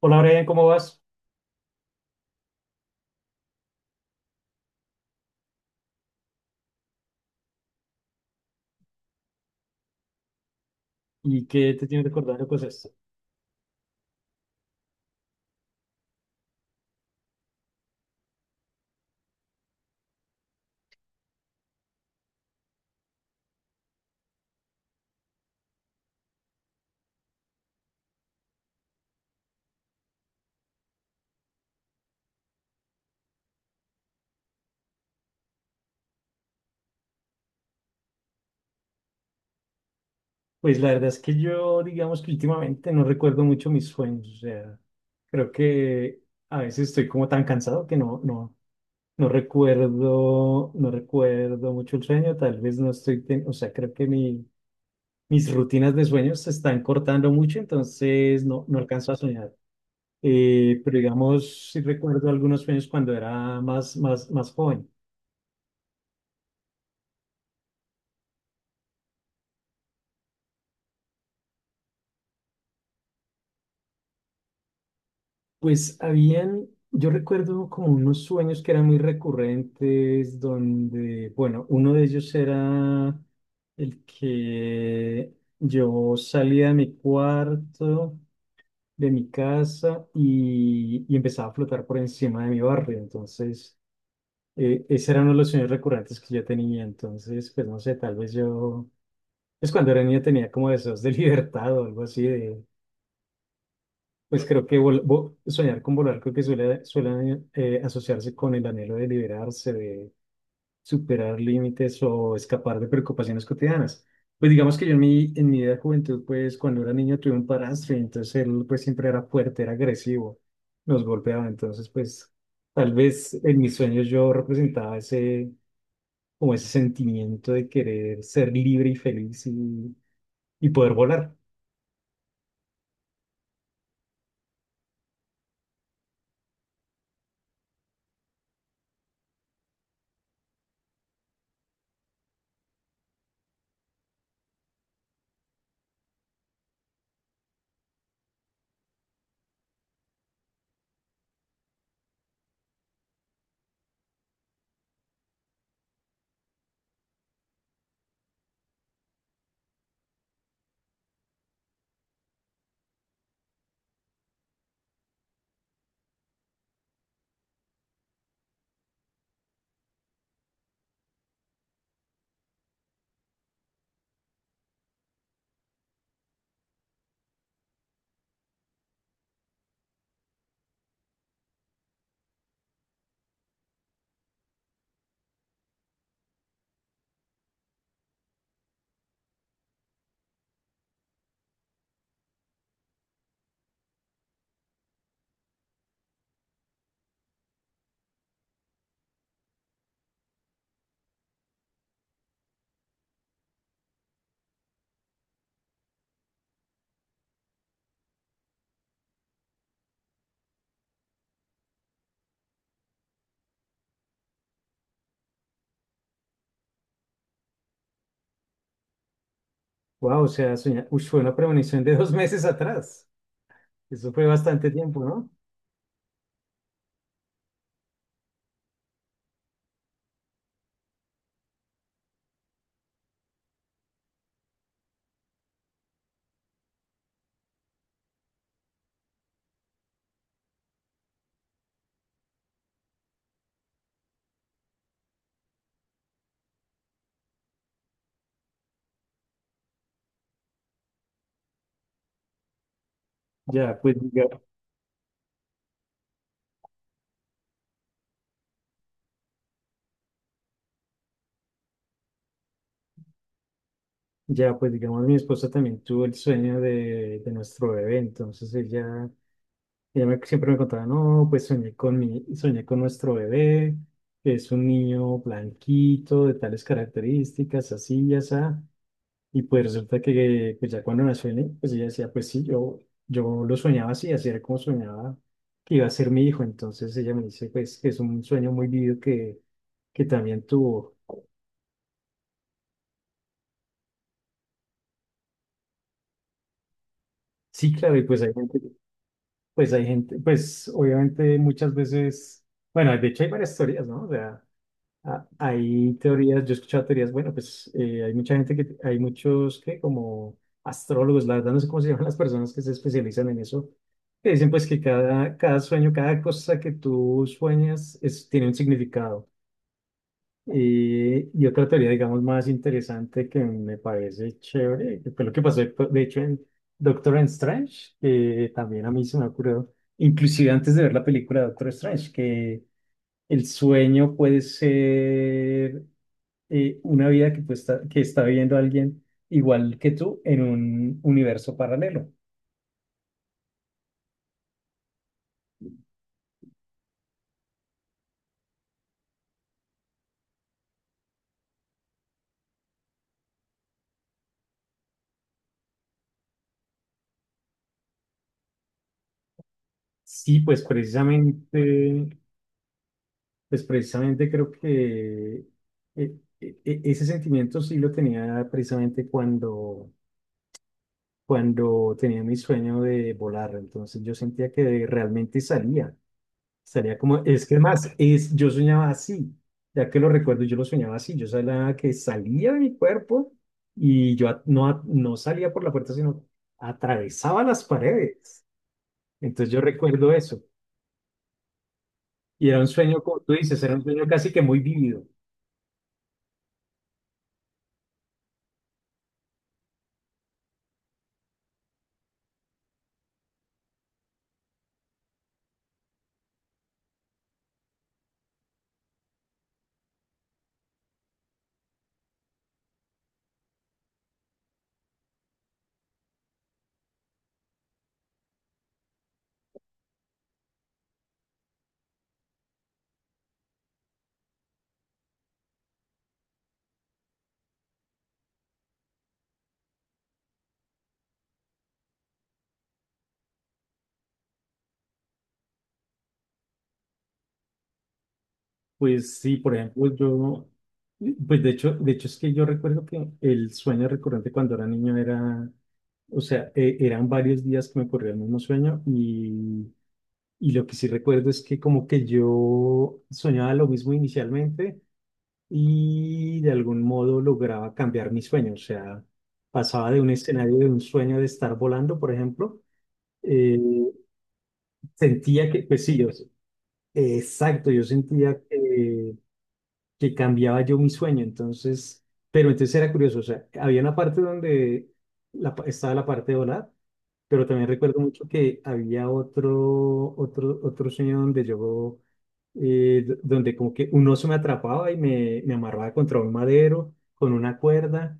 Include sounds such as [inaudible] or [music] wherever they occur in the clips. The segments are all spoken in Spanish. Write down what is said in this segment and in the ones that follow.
Hola, Brian, ¿cómo vas? ¿Y qué te tienes recordando cosas? Pues la verdad es que yo, digamos que últimamente no recuerdo mucho mis sueños. O sea, creo que a veces estoy como tan cansado que no recuerdo, no recuerdo mucho el sueño. Tal vez no estoy, o sea, creo que mis rutinas de sueños se están cortando mucho, entonces no, no alcanzo a soñar. Pero digamos, sí recuerdo algunos sueños cuando era más joven. Pues habían, yo recuerdo como unos sueños que eran muy recurrentes, donde, bueno, uno de ellos era el que yo salía de mi cuarto, de mi casa y empezaba a flotar por encima de mi barrio. Entonces, ese era uno de los sueños recurrentes que yo tenía. Entonces, pues no sé, tal vez yo, pues cuando era niño tenía como deseos de [laughs] libertad o algo así. Pues creo que soñar con volar creo que suele asociarse con el anhelo de liberarse, de superar límites o escapar de preocupaciones cotidianas. Pues digamos que yo en en mi vida de juventud, pues cuando era niño tuve un padrastro y entonces él pues siempre era fuerte, era agresivo, nos golpeaba. Entonces pues tal vez en mis sueños yo representaba ese, como ese sentimiento de querer ser libre y feliz y poder volar. Wow, o sea, soñar, uy, fue una premonición de 2 meses atrás. Eso fue bastante tiempo, ¿no? Ya, pues, diga- ya, pues digamos, mi esposa también tuvo el sueño de nuestro bebé, entonces ella, siempre me contaba, no, pues soñé con mi, soñé con nuestro bebé, es un niño blanquito, de tales características, así y así, y pues resulta que pues ya cuando nació el niño, pues ella decía, pues sí, yo lo soñaba así, así era como soñaba que iba a ser mi hijo, entonces ella me dice, pues, que es un sueño muy vivido que también tuvo. Sí, claro, y pues hay gente, pues obviamente muchas veces, bueno, de hecho hay varias teorías, ¿no? O sea, hay teorías, yo he escuchado teorías, bueno, pues hay mucha gente que, hay muchos que como astrólogos, la verdad no sé cómo se [laughs] llaman las personas que se especializan en eso, que dicen pues que cada, cada sueño, cada cosa que tú sueñas es, tiene un significado. Y otra teoría, digamos, más interesante que me parece chévere, que fue lo que pasó, de hecho, en Doctor Strange, que también a mí se me ocurrió, inclusive antes de ver la película de Doctor Strange, que el sueño puede ser una vida que, pues, está, que está viviendo alguien igual que tú en un universo paralelo. Sí, pues precisamente pues precisamente creo que eh, ese sentimiento sí lo tenía precisamente cuando, cuando tenía mi sueño de volar. Entonces yo sentía que realmente salía. Salía como, es que más, es, yo soñaba así. Ya que lo recuerdo, yo lo soñaba así. Yo sabía que salía de mi cuerpo y yo no, no salía por la puerta, sino atravesaba las paredes. Entonces yo recuerdo eso. Y era un sueño, como tú dices, era un sueño casi que muy vívido. Pues sí, por ejemplo, yo, pues de hecho es que yo recuerdo que el sueño recurrente cuando era niño era, o sea, eran varios días que me ocurría el mismo sueño y lo que sí recuerdo es que como que yo soñaba lo mismo inicialmente y de algún modo lograba cambiar mi sueño, o sea, pasaba de un escenario de un sueño de estar volando, por ejemplo, eh, sentía que, pues sí, yo, exacto, yo sentía que cambiaba yo mi sueño. Entonces, pero entonces era curioso, o sea, había una parte donde estaba la parte de volar, pero también recuerdo mucho que había otro sueño donde yo donde como que un oso me atrapaba y me amarraba contra un madero con una cuerda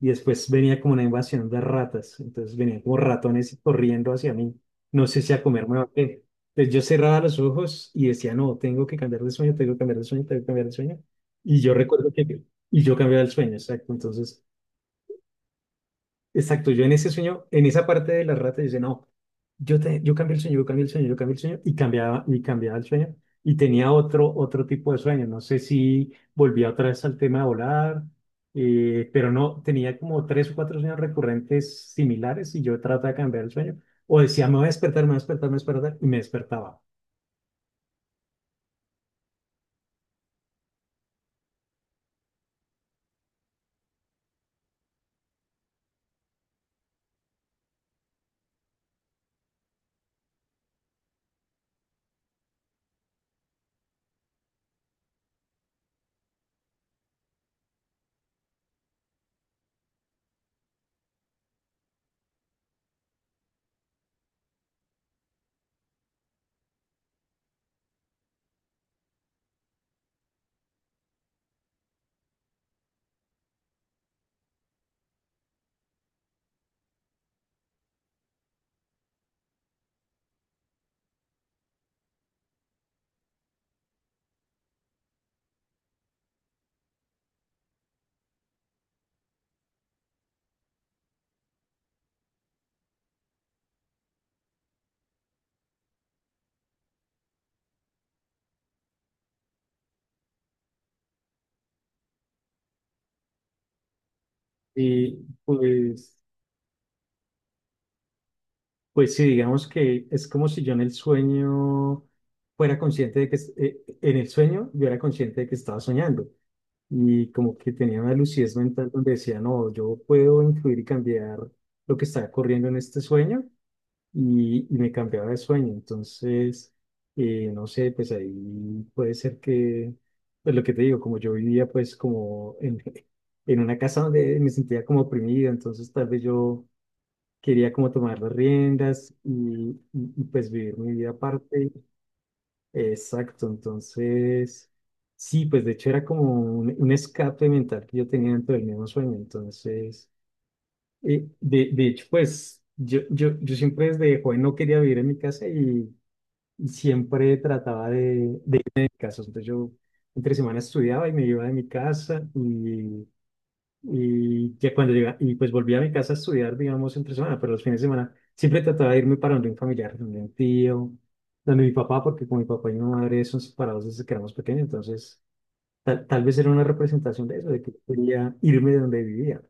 y después venía como una invasión de ratas, entonces venían como ratones corriendo hacia mí, no sé si a comerme o a qué. Entonces yo cerraba los ojos y decía, no, tengo que cambiar de sueño, tengo que cambiar de sueño, tengo que cambiar de sueño. Y yo recuerdo que, y yo cambiaba el sueño, exacto. Entonces exacto, yo en ese sueño, en esa parte de la rata, dice, no, yo cambié el sueño, yo cambié el sueño, yo cambié el sueño, y cambiaba el sueño, y tenía otro, otro tipo de sueño, no sé si volvía otra vez al tema de volar, pero no, tenía como 3 o 4 sueños recurrentes similares, y yo trataba de cambiar el sueño, o decía, me voy a despertar, me voy a despertar, me voy a despertar, y me despertaba. Y pues, pues sí, digamos que es como si yo en el sueño fuera consciente de que, en el sueño yo era consciente de que estaba soñando y como que tenía una lucidez mental donde decía, no, yo puedo influir y cambiar lo que está corriendo en este sueño y me cambiaba de sueño. Entonces, no sé, pues ahí puede ser que, pues lo que te digo, como yo vivía pues como en, [laughs] en una casa donde me sentía como oprimido, entonces tal vez yo quería como tomar las riendas y pues vivir mi vida aparte. Exacto, entonces, sí, pues de hecho era como un escape mental que yo tenía dentro del mismo sueño, entonces, de hecho, pues yo siempre desde joven no quería vivir en mi casa y siempre trataba de irme de mi casa, entonces yo entre semana estudiaba y me iba de mi casa y ya cuando llega, y pues volví a mi casa a estudiar, digamos, entre semana, pero los fines de semana siempre trataba de irme para donde un familiar, donde un tío, donde mi papá, porque con mi papá y mi madre son separados desde que éramos pequeños, entonces tal vez era una representación de eso, de que quería irme de donde vivía.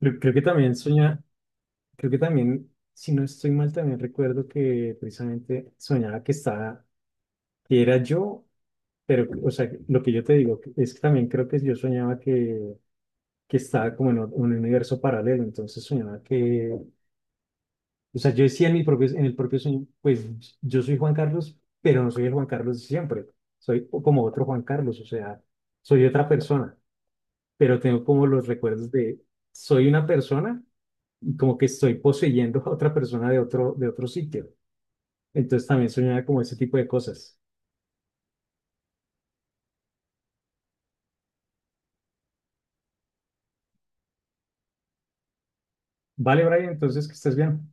Creo que también soñaba, creo que también, si no estoy mal, también recuerdo que precisamente soñaba que estaba, que era yo, pero, o sea, lo que yo te digo es que también creo que yo soñaba que estaba como en un universo paralelo, entonces soñaba que, o sea, yo decía en mi propio, en el propio sueño, pues yo soy Juan Carlos, pero no soy el Juan Carlos de siempre, soy como otro Juan Carlos, o sea, soy otra persona, pero tengo como los recuerdos de, soy una persona como que estoy poseyendo a otra persona de otro sitio. Entonces también soñaba como ese tipo de cosas. Vale, Brian, entonces que estés bien.